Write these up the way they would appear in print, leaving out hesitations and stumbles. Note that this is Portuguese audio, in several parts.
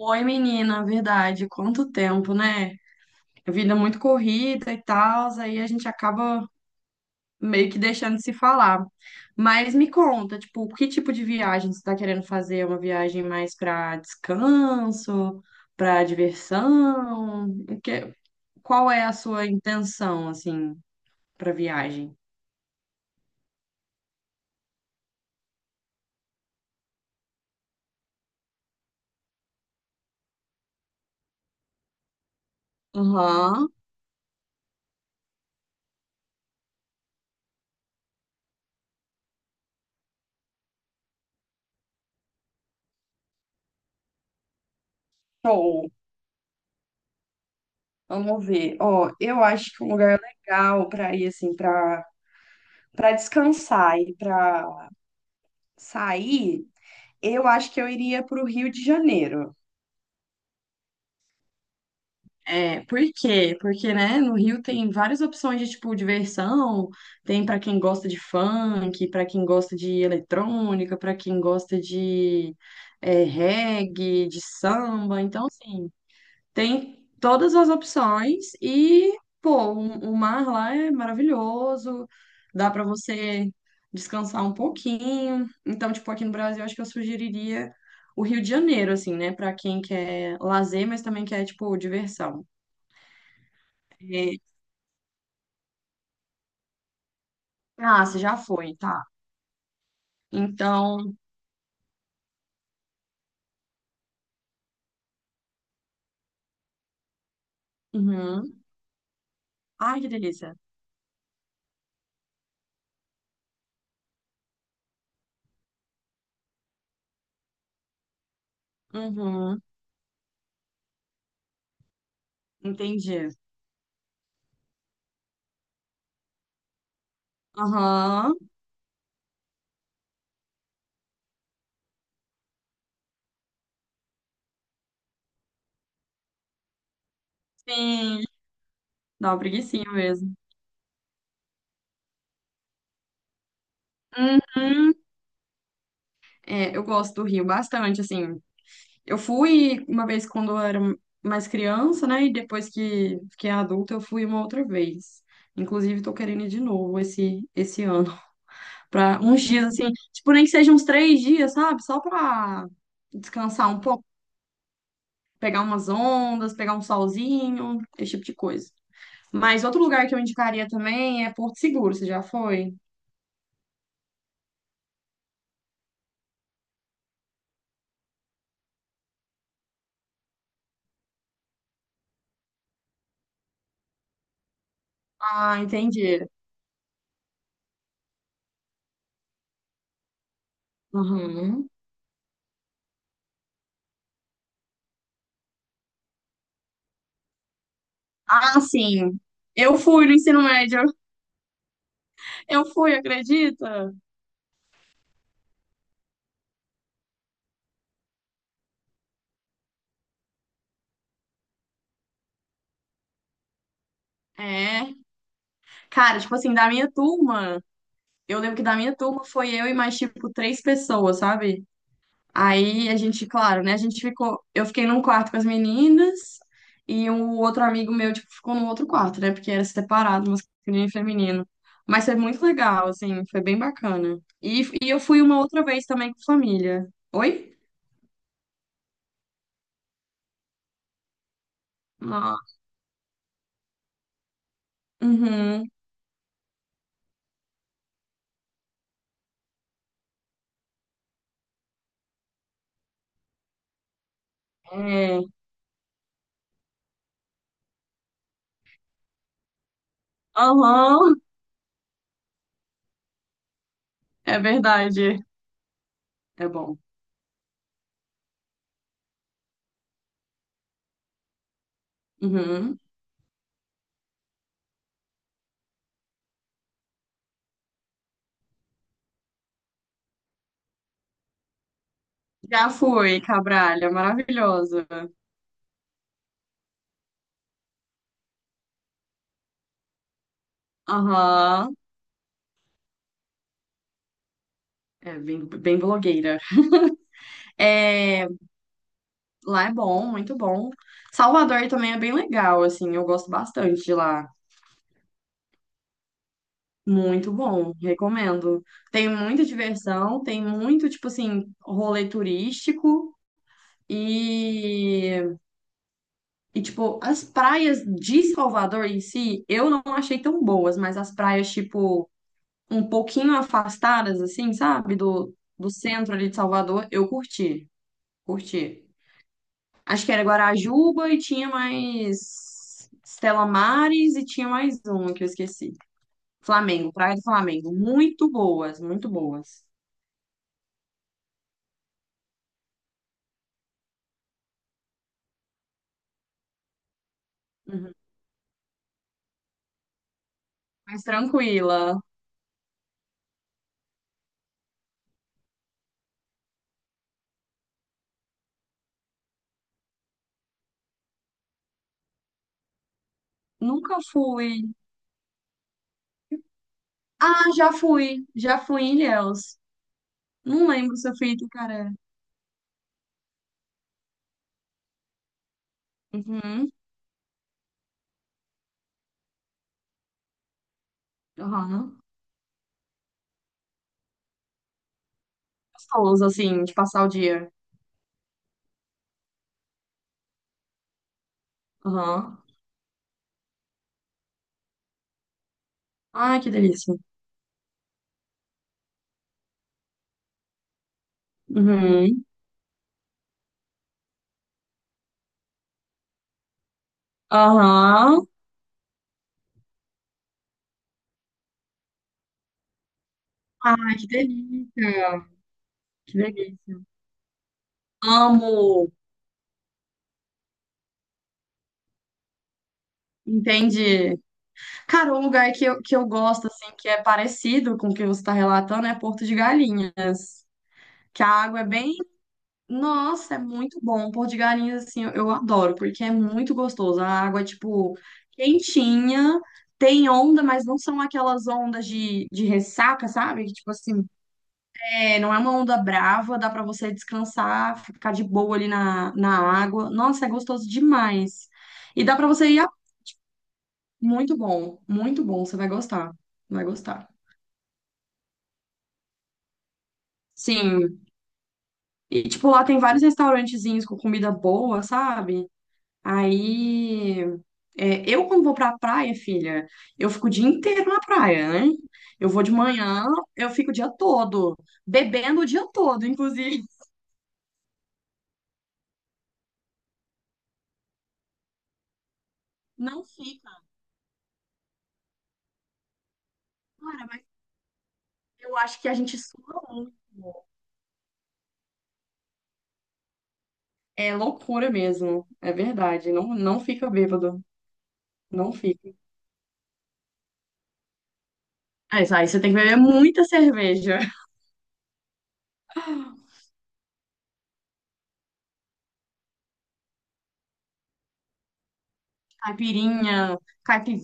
Oi, menina, verdade. Quanto tempo, né? A vida é muito corrida e tal, aí a gente acaba meio que deixando de se falar. Mas me conta, tipo, que tipo de viagem você está querendo fazer? É uma viagem mais para descanso, para diversão? Qual é a sua intenção, assim, para viagem? Aham. Show. Vamos ver. Ó, eu acho que um lugar legal para ir assim, para descansar e para sair. Eu acho que eu iria para o Rio de Janeiro. É, por quê? Porque, né, no Rio tem várias opções de, tipo, diversão, tem pra quem gosta de funk, pra quem gosta de eletrônica, pra quem gosta de reggae, de samba, então, assim, tem todas as opções e, pô, o mar lá é maravilhoso, dá para você descansar um pouquinho. Então, tipo, aqui no Brasil, acho que eu sugeriria o Rio de Janeiro, assim, né, para quem quer lazer, mas também quer, tipo, diversão. É. Ah, você já foi, tá. Então, uhum. Ai, que delícia. Uhum. Entendi. Aham. Sim. Dá uma preguicinha mesmo. Uhum. É, eu gosto do Rio bastante, assim. Eu fui uma vez quando eu era mais criança, né? E depois que fiquei adulta, eu fui uma outra vez. Inclusive, tô querendo ir de novo esse ano. Pra uns dias, assim, tipo, nem que seja uns 3 dias, sabe? Só pra descansar um pouco, pegar umas ondas, pegar um solzinho, esse tipo de coisa. Mas outro lugar que eu indicaria também é Porto Seguro, você já foi? Ah, entendi. Uhum. Ah, sim. Eu fui no ensino médio. Eu fui, acredita? É. Cara, tipo assim, da minha turma, eu lembro que da minha turma foi eu e mais, tipo, três pessoas, sabe? Aí a gente, claro, né? A gente ficou. Eu fiquei num quarto com as meninas e um outro amigo meu, tipo, ficou no outro quarto, né? Porque era separado, masculino e feminino. Mas foi muito legal, assim, foi bem bacana. E eu fui uma outra vez também com família. Oi? Ah, uhum. É. Aham, é verdade. É bom. Uhum. Já fui, Cabralha, maravilhosa. Aham, é bem, bem blogueira. É, lá é bom, muito bom. Salvador também é bem legal, assim, eu gosto bastante de lá. Muito bom, recomendo. Tem muita diversão, tem muito, tipo assim, rolê turístico e, e tipo, as praias de Salvador em si, eu não achei tão boas, mas as praias, tipo, um pouquinho afastadas, assim, sabe, do, centro ali de Salvador, eu curti, curti. Acho que era Guarajuba e tinha mais Stella Maris e tinha mais uma que eu esqueci. Flamengo, Praia do Flamengo. Muito boas, muito boas. Uhum. Mas tranquila. Nunca fui. Ah, já fui. Já fui em Ilhéus. Não lembro se eu fui em Itucaré. Uhum. Aham. Gostoso, assim, de passar o dia. Aham. Ai, que delícia. Uhum. Aham. Ai, que delícia. Que delícia. Amo. Entendi. Cara, um lugar que eu gosto, assim, que é parecido com o que você está relatando, é Porto de Galinha. Que a água é bem. Nossa, é muito bom. Porto de Galinha, assim, eu adoro, porque é muito gostoso. A água é, tipo, quentinha, tem onda, mas não são aquelas ondas de ressaca, sabe? Que, tipo assim, não é uma onda brava, dá para você descansar, ficar de boa ali na água. Nossa, é gostoso demais. E dá para você ir a... Muito bom, muito bom. Você vai gostar, vai gostar. Sim, e, tipo, lá tem vários restaurantezinhos com comida boa, sabe? Aí. É, eu, quando vou pra praia, filha, eu fico o dia inteiro na praia, né? Eu vou de manhã, eu fico o dia todo, bebendo o dia todo, inclusive. Não fica. Cara, mas eu acho que a gente sua muito. É loucura mesmo, é verdade. Não, não fica bêbado, não fica. É, isso aí você tem que beber muita cerveja. Caipirinha, caipi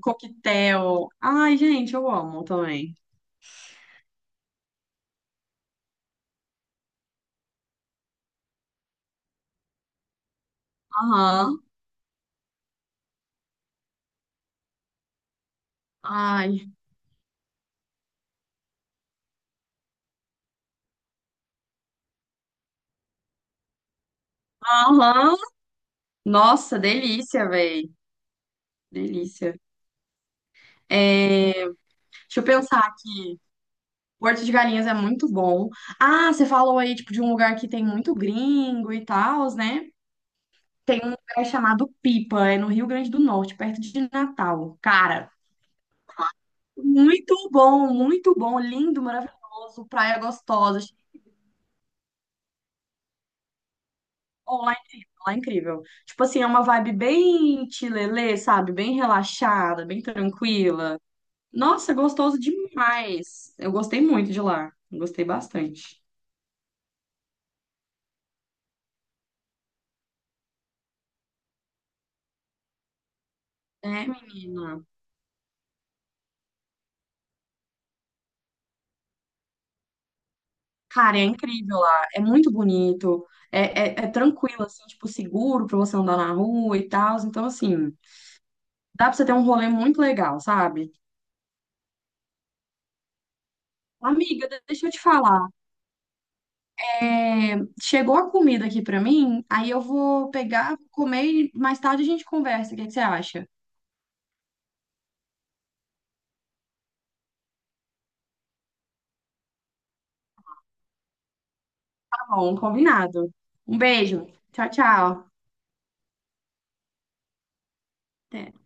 coquetel. Ai, gente, eu amo também. Aham. Ai. Aham. Nossa, delícia, velho. Delícia. É, deixa eu pensar aqui. Porto de Galinhas é muito bom. Ah, você falou aí, tipo, de um lugar que tem muito gringo e tal, né? Tem um lugar chamado Pipa, é no Rio Grande do Norte, perto de Natal. Cara, muito bom, lindo, maravilhoso, praia gostosa. Ó, lá é incrível, lá é incrível. Tipo assim, é uma vibe bem chilelê, sabe? Bem relaxada, bem tranquila. Nossa, gostoso demais. Eu gostei muito de lá. Gostei bastante. É, menina. Cara, é incrível lá. É muito bonito. É tranquilo, assim, tipo, seguro pra você andar na rua e tal. Então, assim, dá pra você ter um rolê muito legal, sabe? Amiga, deixa eu te falar. Chegou a comida aqui pra mim, aí eu vou pegar, vou comer e mais tarde a gente conversa. O que que você acha? Tá bom, combinado. Um beijo. Tchau, tchau. Até.